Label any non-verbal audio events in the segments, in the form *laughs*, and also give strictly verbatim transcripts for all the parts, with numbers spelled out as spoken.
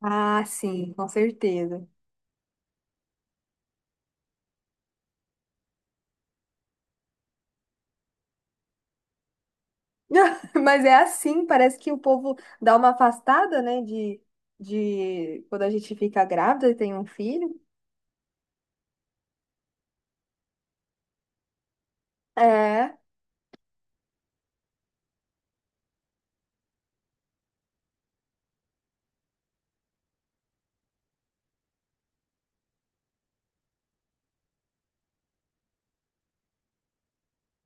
Ah, sim, com certeza. *laughs* Mas é assim, parece que o povo dá uma afastada, né, de, de quando a gente fica grávida e tem um filho. É.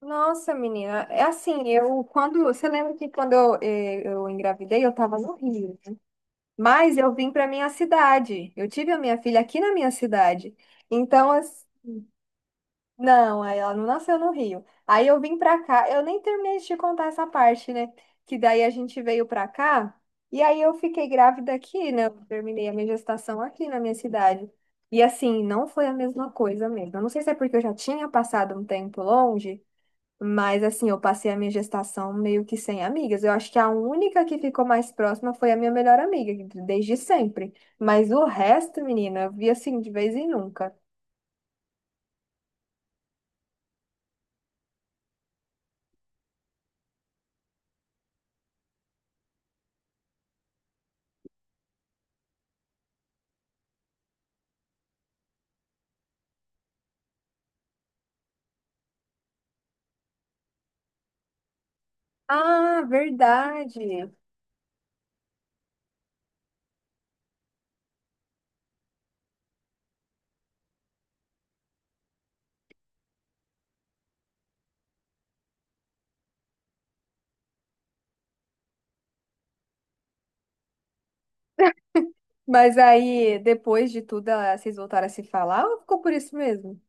Nossa, menina, é assim, eu quando, você lembra que quando eu, eh, eu engravidei, eu tava no Rio, né? Mas eu vim para minha cidade. Eu tive a minha filha aqui na minha cidade. Então, não, aí ela não nasceu no Rio. Aí eu vim pra cá, eu nem terminei de te contar essa parte, né? Que daí a gente veio pra cá e aí eu fiquei grávida aqui, né? Eu terminei a minha gestação aqui na minha cidade. E assim, não foi a mesma coisa mesmo. Eu não sei se é porque eu já tinha passado um tempo longe, mas assim, eu passei a minha gestação meio que sem amigas. Eu acho que a única que ficou mais próxima foi a minha melhor amiga, desde sempre. Mas o resto, menina, eu vi assim de vez em nunca. Ah, verdade. Mas aí, depois de tudo, ah, vocês voltaram a se falar ou ficou por isso mesmo?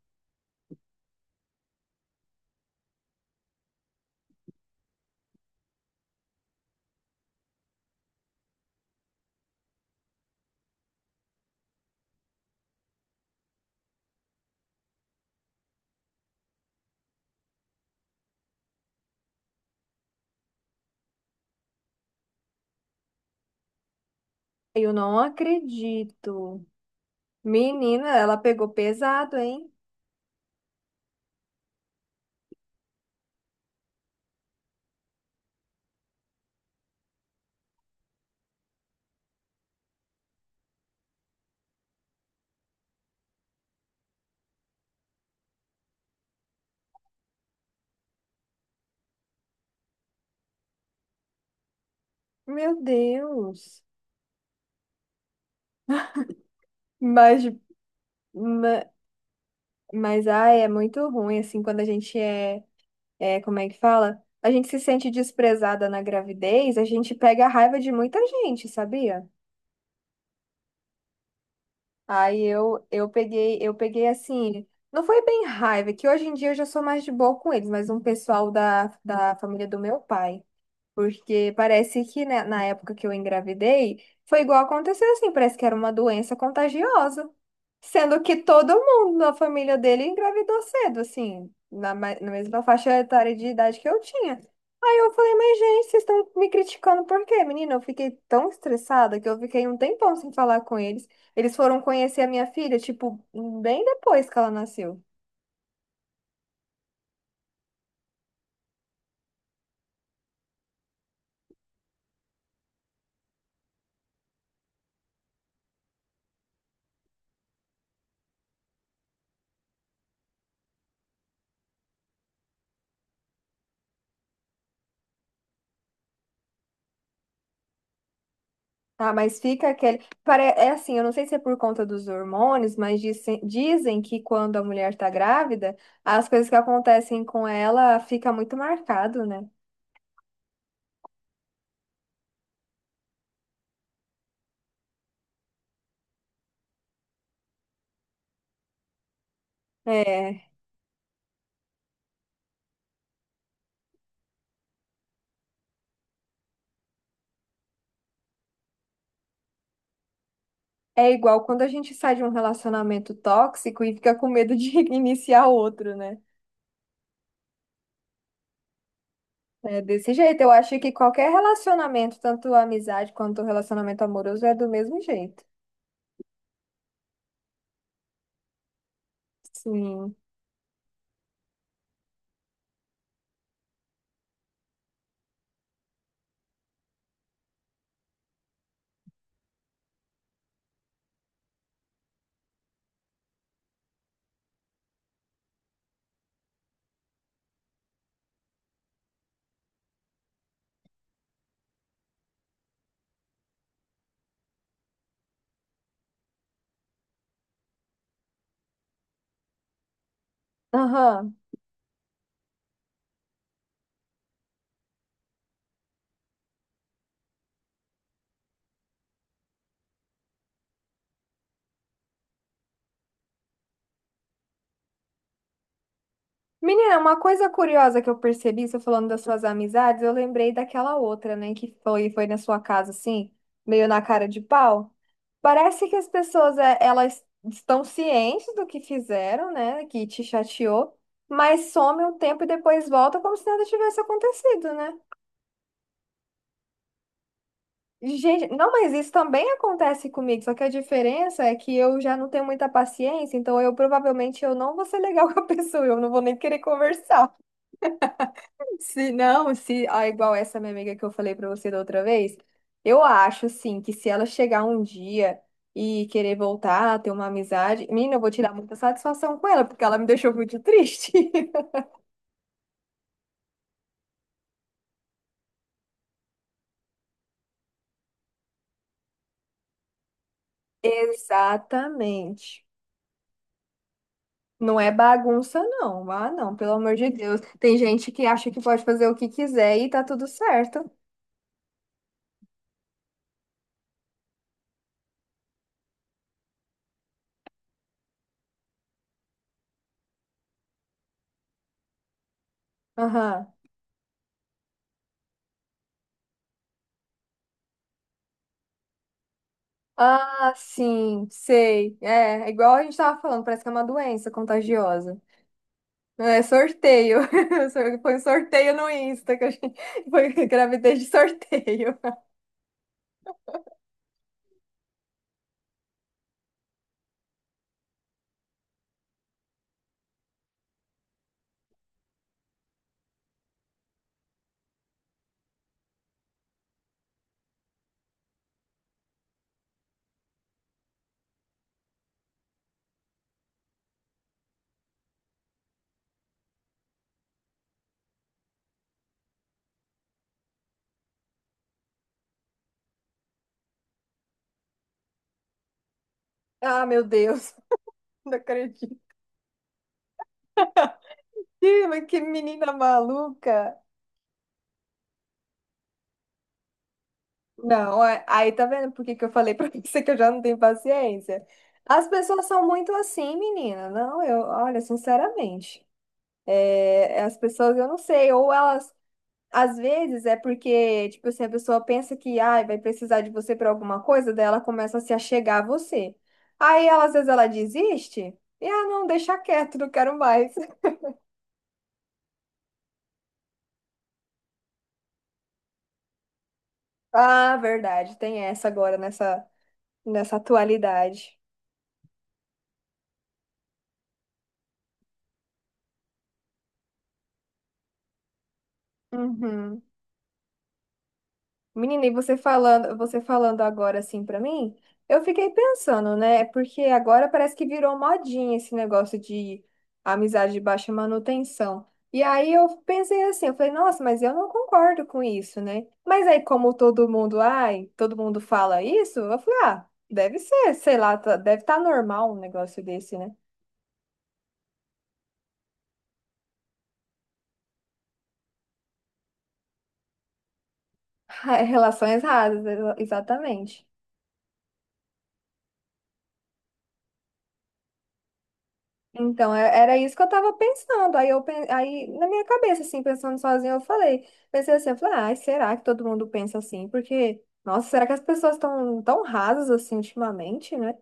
Eu não acredito. Menina, ela pegou pesado, hein? Meu Deus. Mas, ma- mas ai, é muito ruim, assim, quando a gente é, é, como é que fala? A gente se sente desprezada na gravidez, a gente pega a raiva de muita gente, sabia? Aí eu, eu peguei, eu peguei assim, não foi bem raiva, que hoje em dia eu já sou mais de boa com eles, mas um pessoal da, da família do meu pai. Porque parece que, né, na época que eu engravidei, foi igual aconteceu assim, parece que era uma doença contagiosa. Sendo que todo mundo na família dele engravidou cedo, assim, na, ma- na mesma faixa etária de idade que eu tinha. Aí eu falei, mas gente, vocês estão me criticando por quê, menina? Eu fiquei tão estressada que eu fiquei um tempão sem falar com eles. Eles foram conhecer a minha filha, tipo, bem depois que ela nasceu. Ah, mas fica aquele. pare- É assim, eu não sei se é por conta dos hormônios, mas disse- dizem que quando a mulher tá grávida, as coisas que acontecem com ela fica muito marcado, né? É, é igual quando a gente sai de um relacionamento tóxico e fica com medo de *laughs* iniciar outro, né? É desse jeito. Eu acho que qualquer relacionamento, tanto a amizade quanto o relacionamento amoroso, é do mesmo jeito. Sim. Aham. Menina, uma coisa curiosa que eu percebi, você falando das suas amizades, eu lembrei daquela outra, né, que foi, foi na sua casa, assim, meio na cara de pau. Parece que as pessoas, é, elas estão cientes do que fizeram, né, que te chateou, mas some um tempo e depois volta como se nada tivesse acontecido, né? Gente, não, mas isso também acontece comigo, só que a diferença é que eu já não tenho muita paciência, então eu provavelmente eu não vou ser legal *laughs* com a pessoa, eu não vou nem querer conversar. Se não, se ah, igual essa minha amiga que eu falei pra você da outra vez, eu acho assim que se ela chegar um dia e querer voltar, ter uma amizade, menina, eu vou tirar muita satisfação com ela, porque ela me deixou muito triste. *laughs* Exatamente. Não é bagunça, não. Ah, não, pelo amor de Deus. Tem gente que acha que pode fazer o que quiser e tá tudo certo. Aham. Ah, sim, sei. É, é igual a gente tava falando, parece que é uma doença contagiosa. É sorteio. *laughs* Sor- Foi um sorteio no Insta que a gente *laughs* foi gravidez de sorteio. *laughs* Ah, meu Deus, *laughs* não acredito. Ih, mas que menina maluca. Não, é- aí tá vendo por que que eu falei pra *laughs* você que eu já não tenho paciência? As pessoas são muito assim, menina. Não, eu, olha, sinceramente, é, as pessoas, eu não sei, ou elas às vezes é porque, tipo assim, a pessoa pensa que ai vai precisar de você para alguma coisa, daí ela começa a se achegar a você. Aí, ela, às vezes, ela desiste e, ah, não, deixa quieto, não quero mais. *laughs* Ah, verdade, tem essa agora nessa, nessa atualidade. Uhum. Menina, e você falando, você falando agora assim pra mim, eu fiquei pensando, né? Porque agora parece que virou modinha esse negócio de amizade de baixa manutenção. E aí eu pensei assim, eu falei, nossa, mas eu não concordo com isso, né? Mas aí como todo mundo, ai, todo mundo fala isso, eu falei, ah, deve ser, sei lá, tá- deve estar normal um negócio desse, né? *laughs* Relações rasas, exa- exatamente. Então, é- era isso que eu tava pensando. Aí, eu, pen- aí na minha cabeça, assim, pensando sozinha, eu falei, pensei assim, eu falei, ai, será que todo mundo pensa assim? Porque, nossa, será que as pessoas estão tão tão rasas assim ultimamente, né?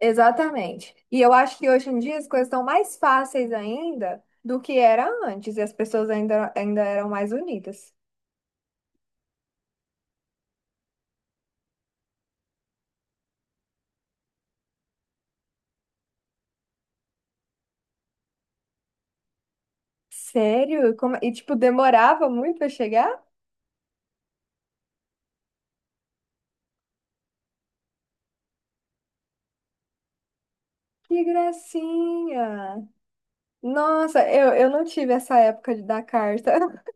Exatamente. E eu acho que hoje em dia as coisas estão mais fáceis ainda do que era antes, e as pessoas ainda, ainda eram mais unidas. Sério? Como... E, tipo, demorava muito pra chegar? Que gracinha! Nossa, eu, eu não tive essa época de dar carta. *laughs*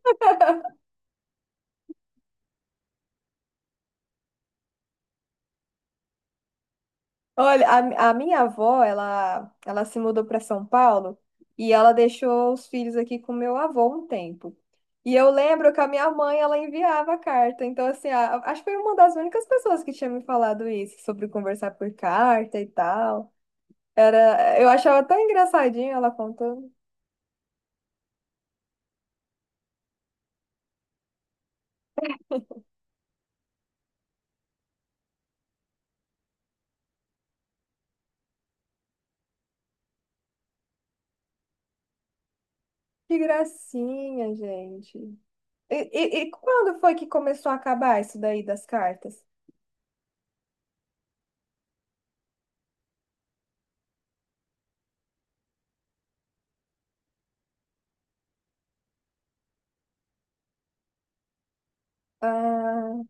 Olha, a, a minha avó, ela, ela se mudou para São Paulo e ela deixou os filhos aqui com meu avô um tempo. E eu lembro que a minha mãe, ela enviava carta. Então, assim, a- acho que foi uma das únicas pessoas que tinha me falado isso, sobre conversar por carta e tal. Era, eu achava tão engraçadinho ela contando. Que gracinha, gente. E, e, e quando foi que começou a acabar isso daí das cartas? Ah,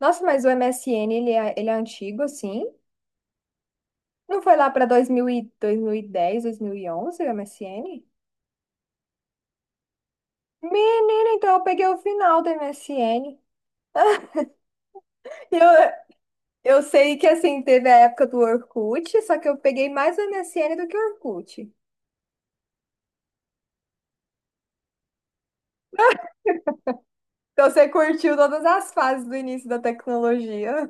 nossa, mas o M S N, ele é, ele é antigo, assim? Não foi lá para dois dois dois mil mil mil e e dez, dois mil e onze, o M S N? Menina, então eu peguei o final do M S N. E Eu, eu sei que, assim, teve a época do Orkut, só que eu peguei mais o M S N do que o Orkut. Então você curtiu todas as fases do início da tecnologia.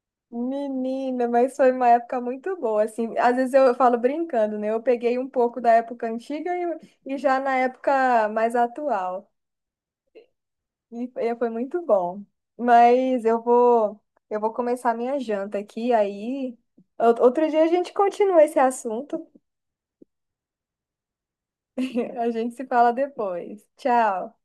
*laughs* Menina, mas foi uma época muito boa, assim. Às vezes eu falo brincando, né? Eu peguei um pouco da época antiga e, e já na época mais atual. E foi foi muito bom. Mas eu vou, eu vou começar minha janta aqui, aí ou- outro dia a gente continua esse assunto. *laughs* A gente se fala depois. Tchau.